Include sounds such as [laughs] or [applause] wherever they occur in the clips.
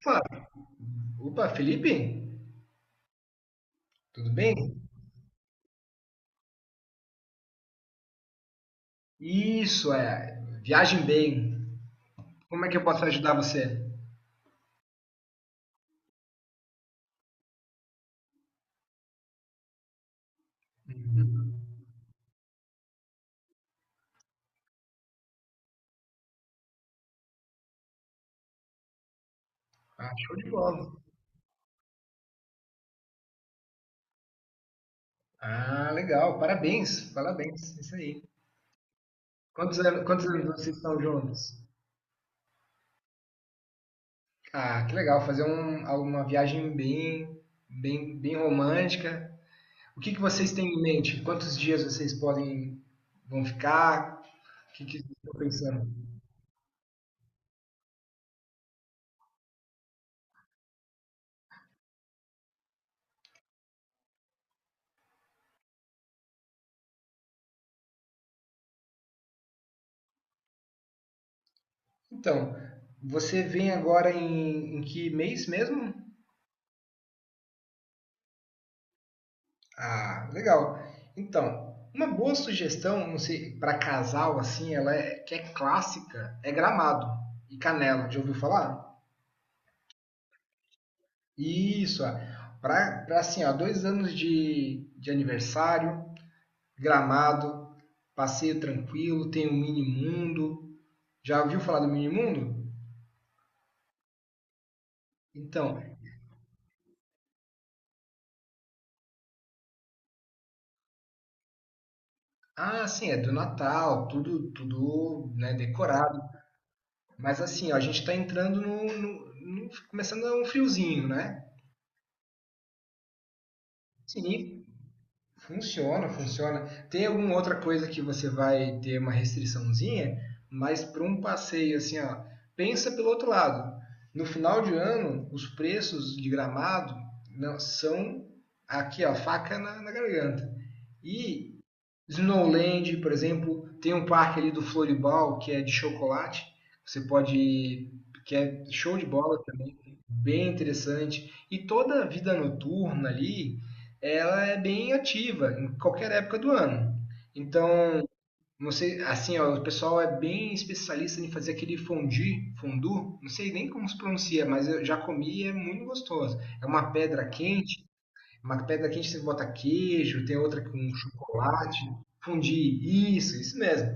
Fala, opa, Felipe? Tudo bem? Isso, é. Viagem bem. Como é que eu posso ajudar você? Ah, show de bola. Ah, legal. Parabéns, parabéns. Isso aí. Quantos anos vocês estão juntos? Ah, que legal. Fazer uma viagem bem, bem, bem romântica. O que que vocês têm em mente? Quantos dias vocês vão ficar? O que que vocês estão pensando? Então, você vem agora em, que mês mesmo? Ah, legal. Então, uma boa sugestão, não sei, para casal assim, ela é que é clássica, é Gramado e Canela. Já ouviu falar? Isso, para assim, ó, 2 anos de aniversário, Gramado, passeio tranquilo, tem o mini mundo. Já ouviu falar do mini mundo? Então, ah, sim, é do Natal, tudo, tudo, né, decorado. Mas assim, ó, a gente está entrando começando a um friozinho, né? Sim, funciona, funciona. Tem alguma outra coisa que você vai ter uma restriçãozinha, mas para um passeio assim, ó, pensa pelo outro lado. No final de ano, os preços de Gramado são aqui, ó, faca na garganta. E Snowland, por exemplo, tem um parque ali do Floribal que é de chocolate. Você pode, que é show de bola também, bem interessante. E toda a vida noturna ali, ela é bem ativa em qualquer época do ano. Então, não sei, assim, ó, o pessoal é bem especialista em fazer aquele fondue, fondue, não sei nem como se pronuncia, mas eu já comi e é muito gostoso. É uma pedra quente, você bota queijo, tem outra com chocolate, fundir, isso mesmo.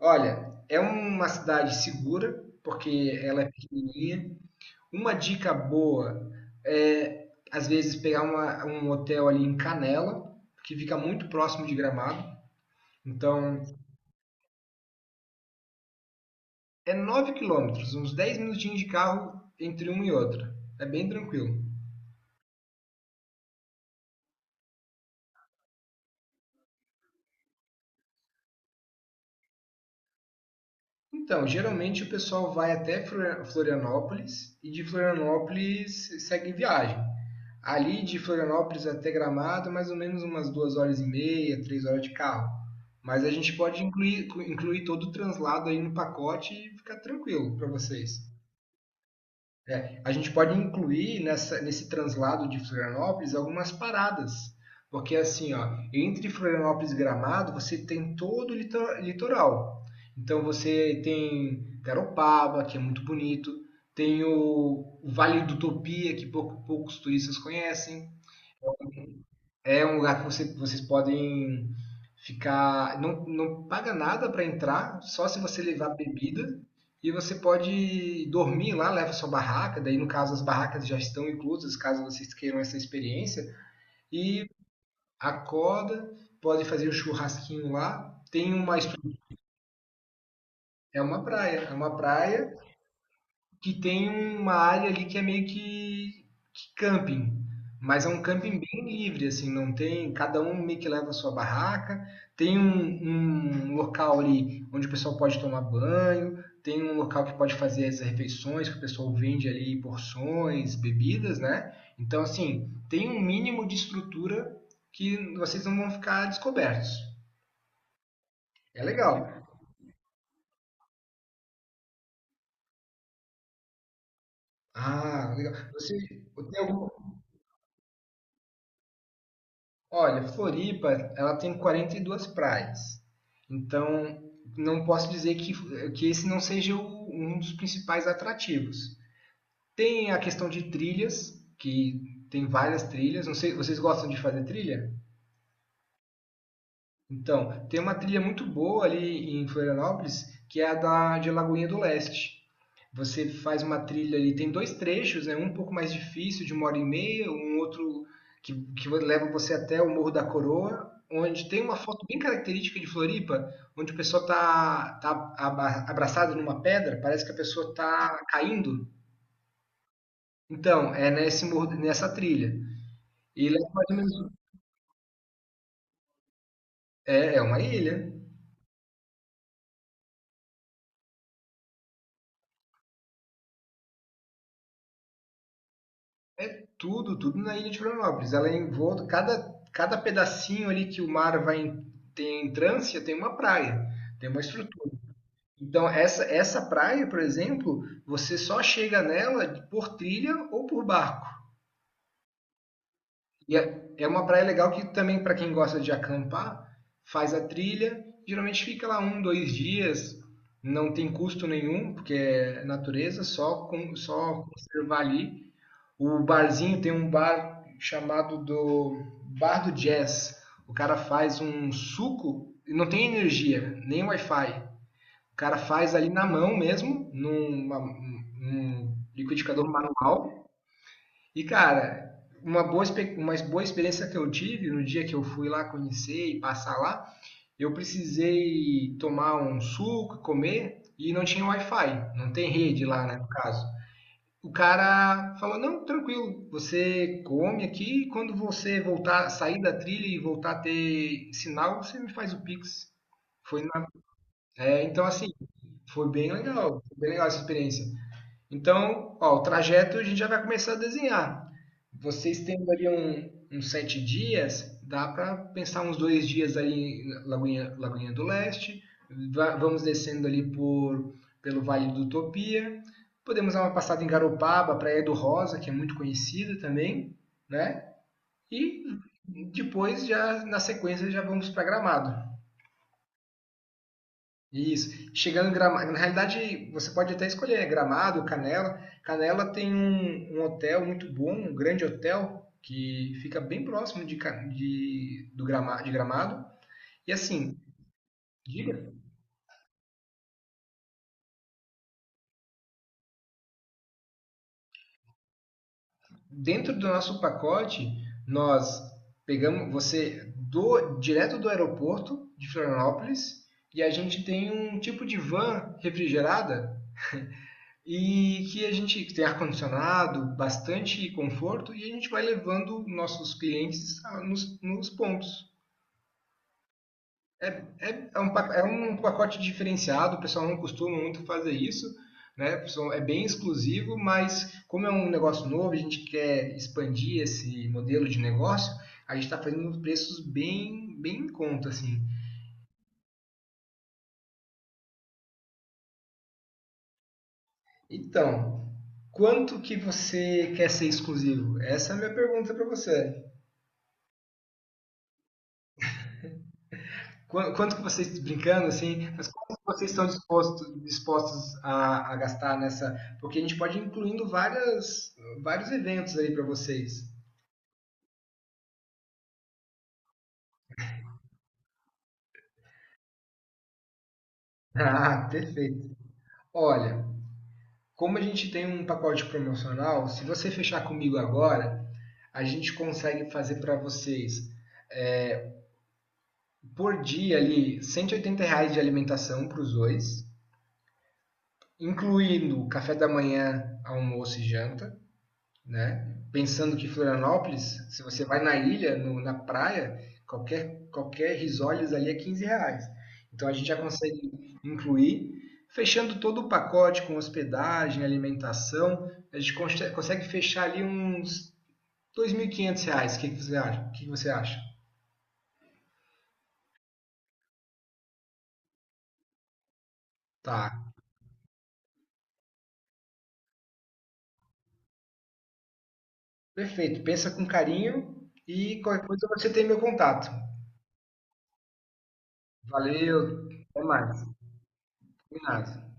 Olha, é uma cidade segura, porque ela é pequenininha. Uma dica boa é, às vezes, pegar um hotel ali em Canela, que fica muito próximo de Gramado. Então, é 9 km, uns 10 minutinhos de carro entre uma e outra. É bem tranquilo. Então, geralmente o pessoal vai até Florianópolis e de Florianópolis segue viagem. Ali de Florianópolis até Gramado, mais ou menos umas duas horas e meia, 3 horas de carro. Mas a gente pode incluir todo o translado aí no pacote e ficar tranquilo para vocês. É, a gente pode incluir nesse translado de Florianópolis algumas paradas. Porque assim, ó, entre Florianópolis e Gramado, você tem todo o litoral. Então você tem Garopaba, que é muito bonito, tem o Vale do Topia, que poucos turistas conhecem, é um lugar que vocês podem ficar. Não, não paga nada para entrar, só se você levar bebida. E você pode dormir lá, leva sua barraca. Daí, no caso, as barracas já estão inclusas, caso vocês queiram essa experiência. E acorda, pode fazer o churrasquinho lá. Tem uma estrutura. É uma praia que tem uma área ali que é meio que camping, mas é um camping bem livre, assim, não tem, cada um meio que leva a sua barraca, tem um local ali onde o pessoal pode tomar banho, tem um local que pode fazer as refeições, que o pessoal vende ali porções, bebidas, né? Então, assim, tem um mínimo de estrutura que vocês não vão ficar descobertos. É legal. Ah, legal. Você tem algum Olha, Floripa, ela tem 42 praias. Então, não posso dizer que esse não seja um dos principais atrativos. Tem a questão de trilhas, que tem várias trilhas. Não sei, vocês gostam de fazer trilha? Então, tem uma trilha muito boa ali em Florianópolis, que é a da de Lagoinha do Leste. Você faz uma trilha ali, tem dois trechos, né? Um pouco mais difícil, de uma hora e meia, um outro que leva você até o Morro da Coroa, onde tem uma foto bem característica de Floripa, onde o pessoal tá abraçado numa pedra, parece que a pessoa tá caindo. Então, é nesse morro, nessa trilha. E leva mais ou menos. É, é uma ilha. É tudo, tudo na ilha de Florianópolis. Ela é envolta, cada pedacinho ali que o mar vai em, tem entrância tem uma praia, tem uma estrutura. Então, essa praia, por exemplo, você só chega nela por trilha ou por barco. E é uma praia legal que também, para quem gosta de acampar, faz a trilha, geralmente fica lá um, dois dias, não tem custo nenhum, porque é natureza, só, só conservar ali. O barzinho tem um bar chamado do Bar do Jazz. O cara faz um suco e não tem energia, nem Wi-Fi. O cara faz ali na mão mesmo, num liquidificador manual. E, cara, uma boa experiência que eu tive no dia que eu fui lá conhecer e passar lá, eu precisei tomar um suco, comer, e não tinha Wi-Fi. Não tem rede lá, né, no caso. O cara falou: Não, tranquilo, você come aqui e quando você voltar, sair da trilha e voltar a ter sinal, você me faz o Pix. Foi na- então, assim, foi bem legal essa experiência. Então, ó, o trajeto a gente já vai começar a desenhar. Vocês tendo ali uns 7 dias, dá para pensar uns 2 dias ali em Lagoinha do Leste. Vamos descendo ali pelo Vale do Utopia. Podemos dar uma passada em Garopaba, Praia do Rosa, que é muito conhecida também, né? E depois, já na sequência, já vamos para Gramado. Isso. Chegando em Gramado, na realidade você pode até escolher, né? Gramado, Canela. Canela tem um hotel muito bom, um grande hotel que fica bem próximo de, Ca- de- do Grama- de Gramado. E assim, diga, dentro do nosso pacote, nós pegamos você do direto do aeroporto de Florianópolis e a gente tem um tipo de van refrigerada e que a gente tem ar-condicionado, bastante conforto e a gente vai levando nossos clientes nos pontos. É, é um pacote diferenciado, o pessoal não costuma muito fazer isso, né? É bem exclusivo, mas como é um negócio novo, a gente quer expandir esse modelo de negócio, a gente está fazendo preços bem, bem em conta, assim. Então, quanto que você quer ser exclusivo? Essa é a minha pergunta para você. Quanto que vocês, brincando assim, mas quanto que vocês estão dispostos a gastar nessa? Porque a gente pode ir incluindo vários eventos aí para vocês. [laughs] Ah, perfeito. Olha, como a gente tem um pacote promocional, se você fechar comigo agora, a gente consegue fazer para vocês por dia ali R$ 180 reais de alimentação para os dois, incluindo café da manhã, almoço e janta, né? Pensando que Florianópolis, se você vai na ilha, na praia, qualquer risoles ali é R$ 15. Então a gente já consegue incluir, fechando todo o pacote com hospedagem, alimentação, a gente consegue fechar ali uns R$ 2.500. O que você acha? O que você acha? Tá, perfeito. Pensa com carinho e qualquer coisa você tem meu contato. Valeu, até mais. Combinado.